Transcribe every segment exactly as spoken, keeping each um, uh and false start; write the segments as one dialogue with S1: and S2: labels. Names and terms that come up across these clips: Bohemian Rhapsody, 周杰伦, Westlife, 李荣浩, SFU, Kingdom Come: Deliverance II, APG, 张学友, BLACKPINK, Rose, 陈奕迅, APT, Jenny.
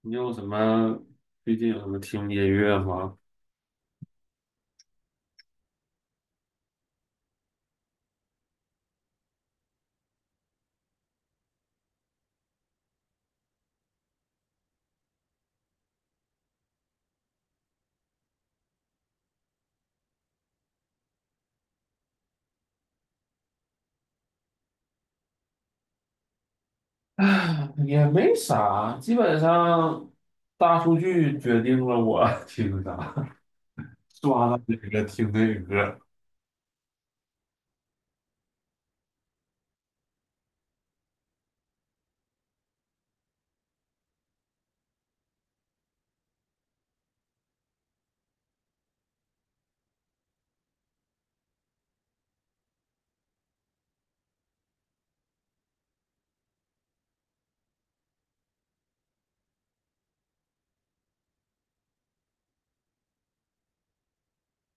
S1: 你有什么最近有什么听音乐吗？啊，也没啥，基本上大数据决定了我 听啥，刷到哪个听哪个。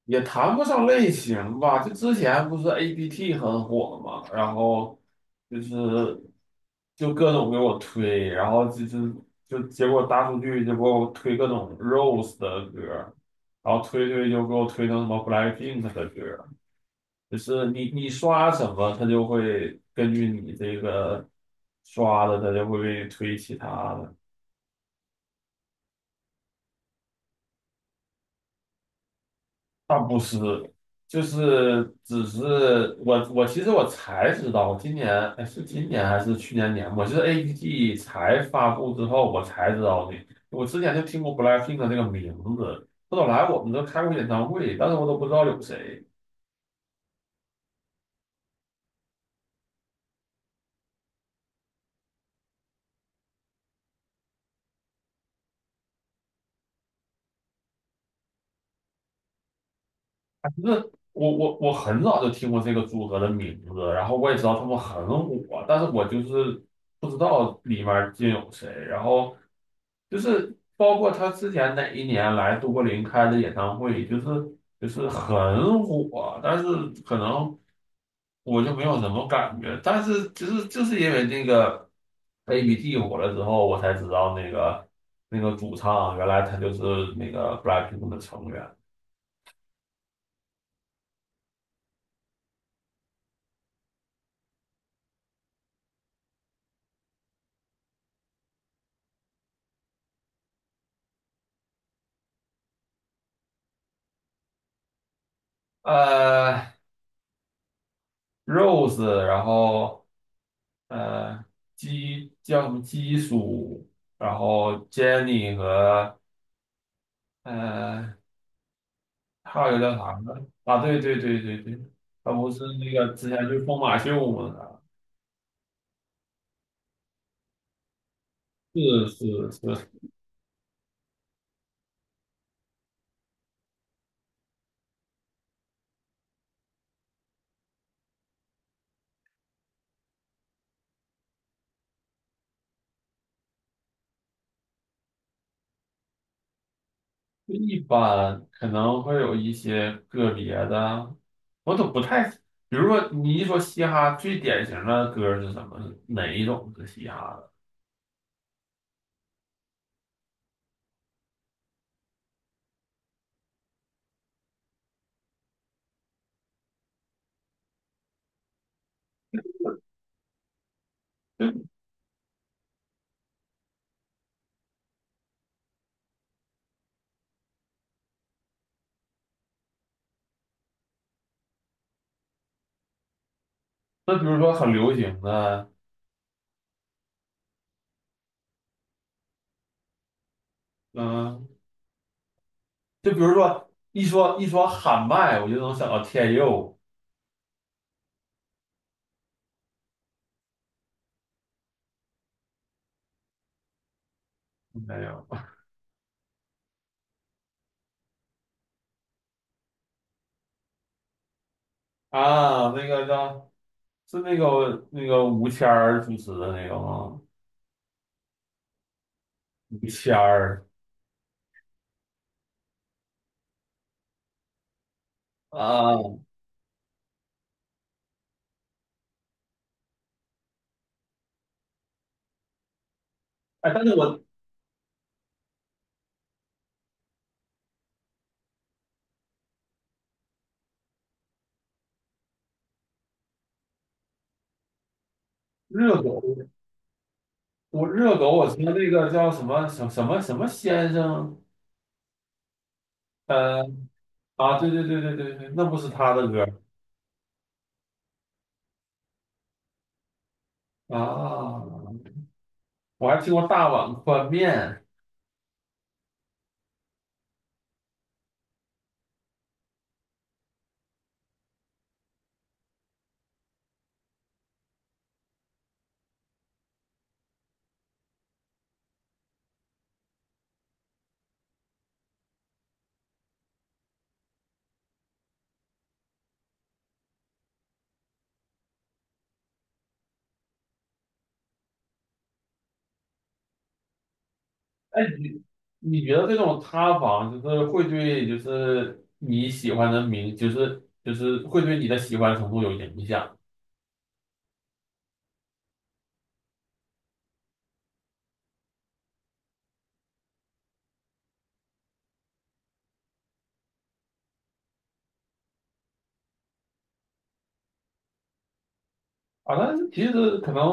S1: 也谈不上类型吧。就之前不是 A P T 很火嘛，然后就是就各种给我推，然后就是就结果大数据就给我推各种 Rose 的歌，然后推推就给我推成什么 BLACKPINK 的歌。就是你你刷什么，它就会根据你这个刷的，它就会给你推其他的。倒不是，就是只是我我其实我才知道，我今年，哎，是今年还是去年年末，就是 A P G 才发布之后，我才知道的。我之前就听过 BLACKPINK 的这个名字，后来我们都开过演唱会，但是我都不知道有谁。那我我我很早就听过这个组合的名字，然后我也知道他们很火，但是我就是不知道里面儿竟有谁。然后就是包括他之前哪一年来都柏林开的演唱会，就是就是很火，但是可能我就没有什么感觉。但是就是就是因为那个 A B T 火了之后，我才知道那个那个主唱原来他就是那个 BLACKPINK 的成员。呃，Rose，然后呃基叫什么基叔，然后 Jenny 和呃还有一个啥呢？啊，对对对对对，他不是那个之前去疯马秀吗？是是是。一般可能会有一些个别的，我都不太，比如说你一说嘻哈，最典型的歌是什么？哪一种是嘻哈的？就那比如说很流行的，嗯，就比如说一说一说喊麦，我就能想到天佑，没有。啊，那个叫是那个那个吴谦儿主持的那个吗？吴谦儿啊。哎，但是我热狗，我热狗，我听那个叫什么什么什么什么先生。呃啊，对对对对对对，那不是他的歌。啊，我还听过大碗宽面。哎，你你觉得这种塌房就是会对就是你喜欢的明，就是就是会对你的喜欢程度有影响？啊？但是其实可能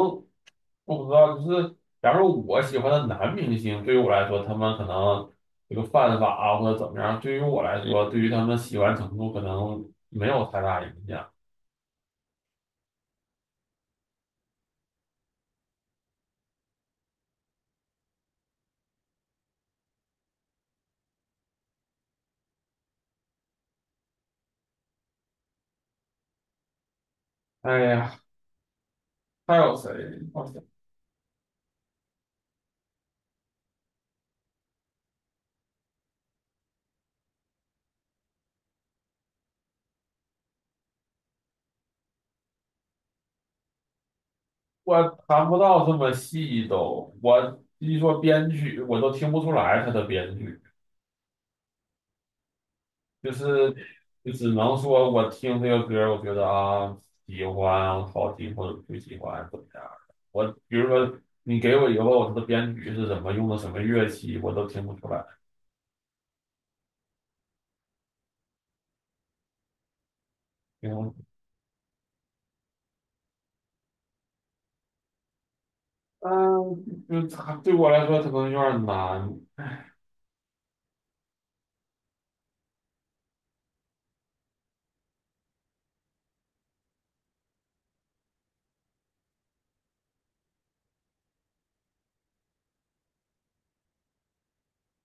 S1: 我不知道，就是假如我喜欢的男明星，对于我来说，他们可能这个犯法啊或者怎么样，对于我来说，对于他们喜欢程度可能没有太大影响。哎呀，还有谁？我想我谈不到这么细都，我一说编剧，我都听不出来他的编剧。就是就只能说我听这个歌儿我觉得啊喜欢，好听或者不喜欢怎么样的。我比如说你给我以后它的编曲是什么，用的什么乐器，我都听不出来。嗯。嗯，就它对我来说它可能有点难。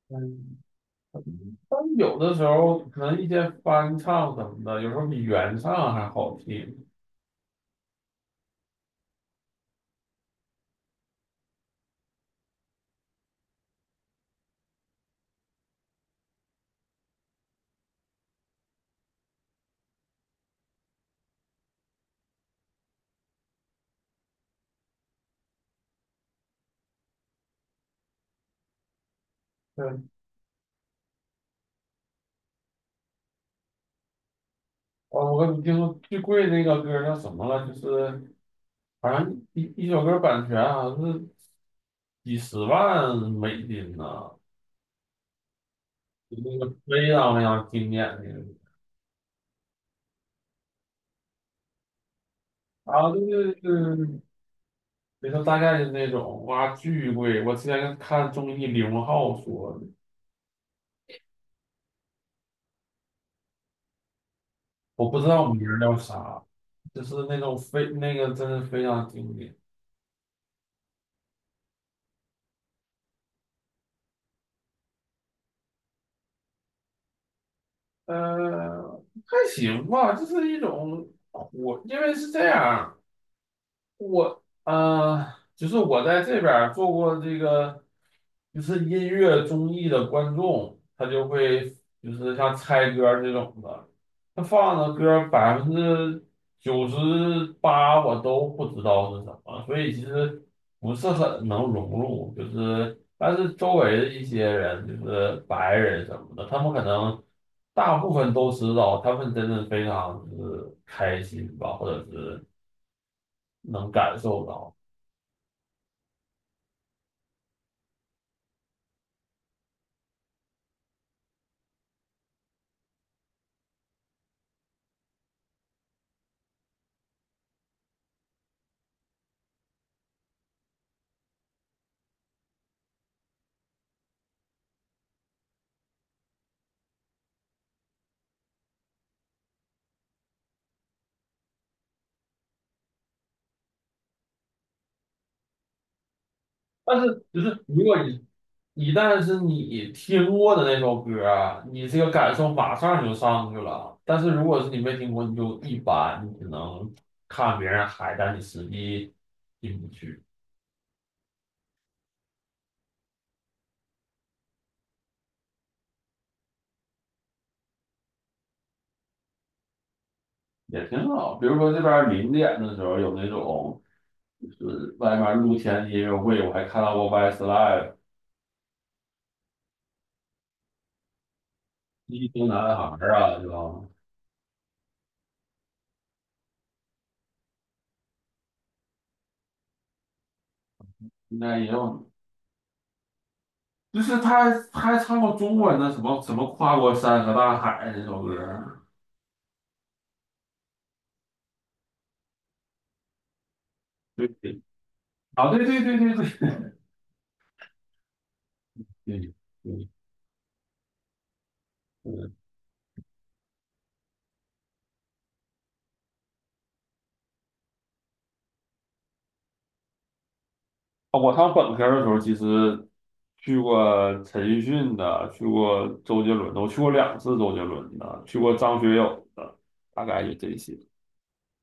S1: 嗯，但有的时候可能一些翻唱什么的，有时候比原唱还好听。对。哦，我跟你听说最贵那个歌叫什么了？就是好像一一首歌版权好像是几十万美金呢。就那个非常非常经典的。啊，就是里头大概是那种哇，巨贵。我之前看综艺李荣浩说的，我不知道名儿叫啥，就是那种非那个真是非常经典。呃，还行吧，就是一种火，因为是这样。我呃，就是我在这边儿做过这个，就是音乐综艺的观众，他就会就是像猜歌儿这种的，他放的歌百分之九十八我都不知道是什么，所以其实不是很能融入。就是，但是周围的一些人，就是白人什么的，他们可能大部分都知道，他们真的非常就是开心吧，或者是能感受到。但是就是如果你一旦是你听过的那首歌啊，你这个感受马上就上去了。但是如果是你没听过，你就一般，你只能看别人嗨，但你实际进不去。也挺好。比如说这边儿零点的时候有那种，就是外面露天的音乐会，我还看到过 Westlife、一星男孩儿啊，对吧？应该也有，就是他还他还唱过中文的什么什么跨过山和大海那首歌儿。对。啊，对对对对对。嗯嗯嗯。啊，我上本科的时候，其实去过陈奕迅的，去过周杰伦的，我去过两次周杰伦的，去过张学友的，大概就这些。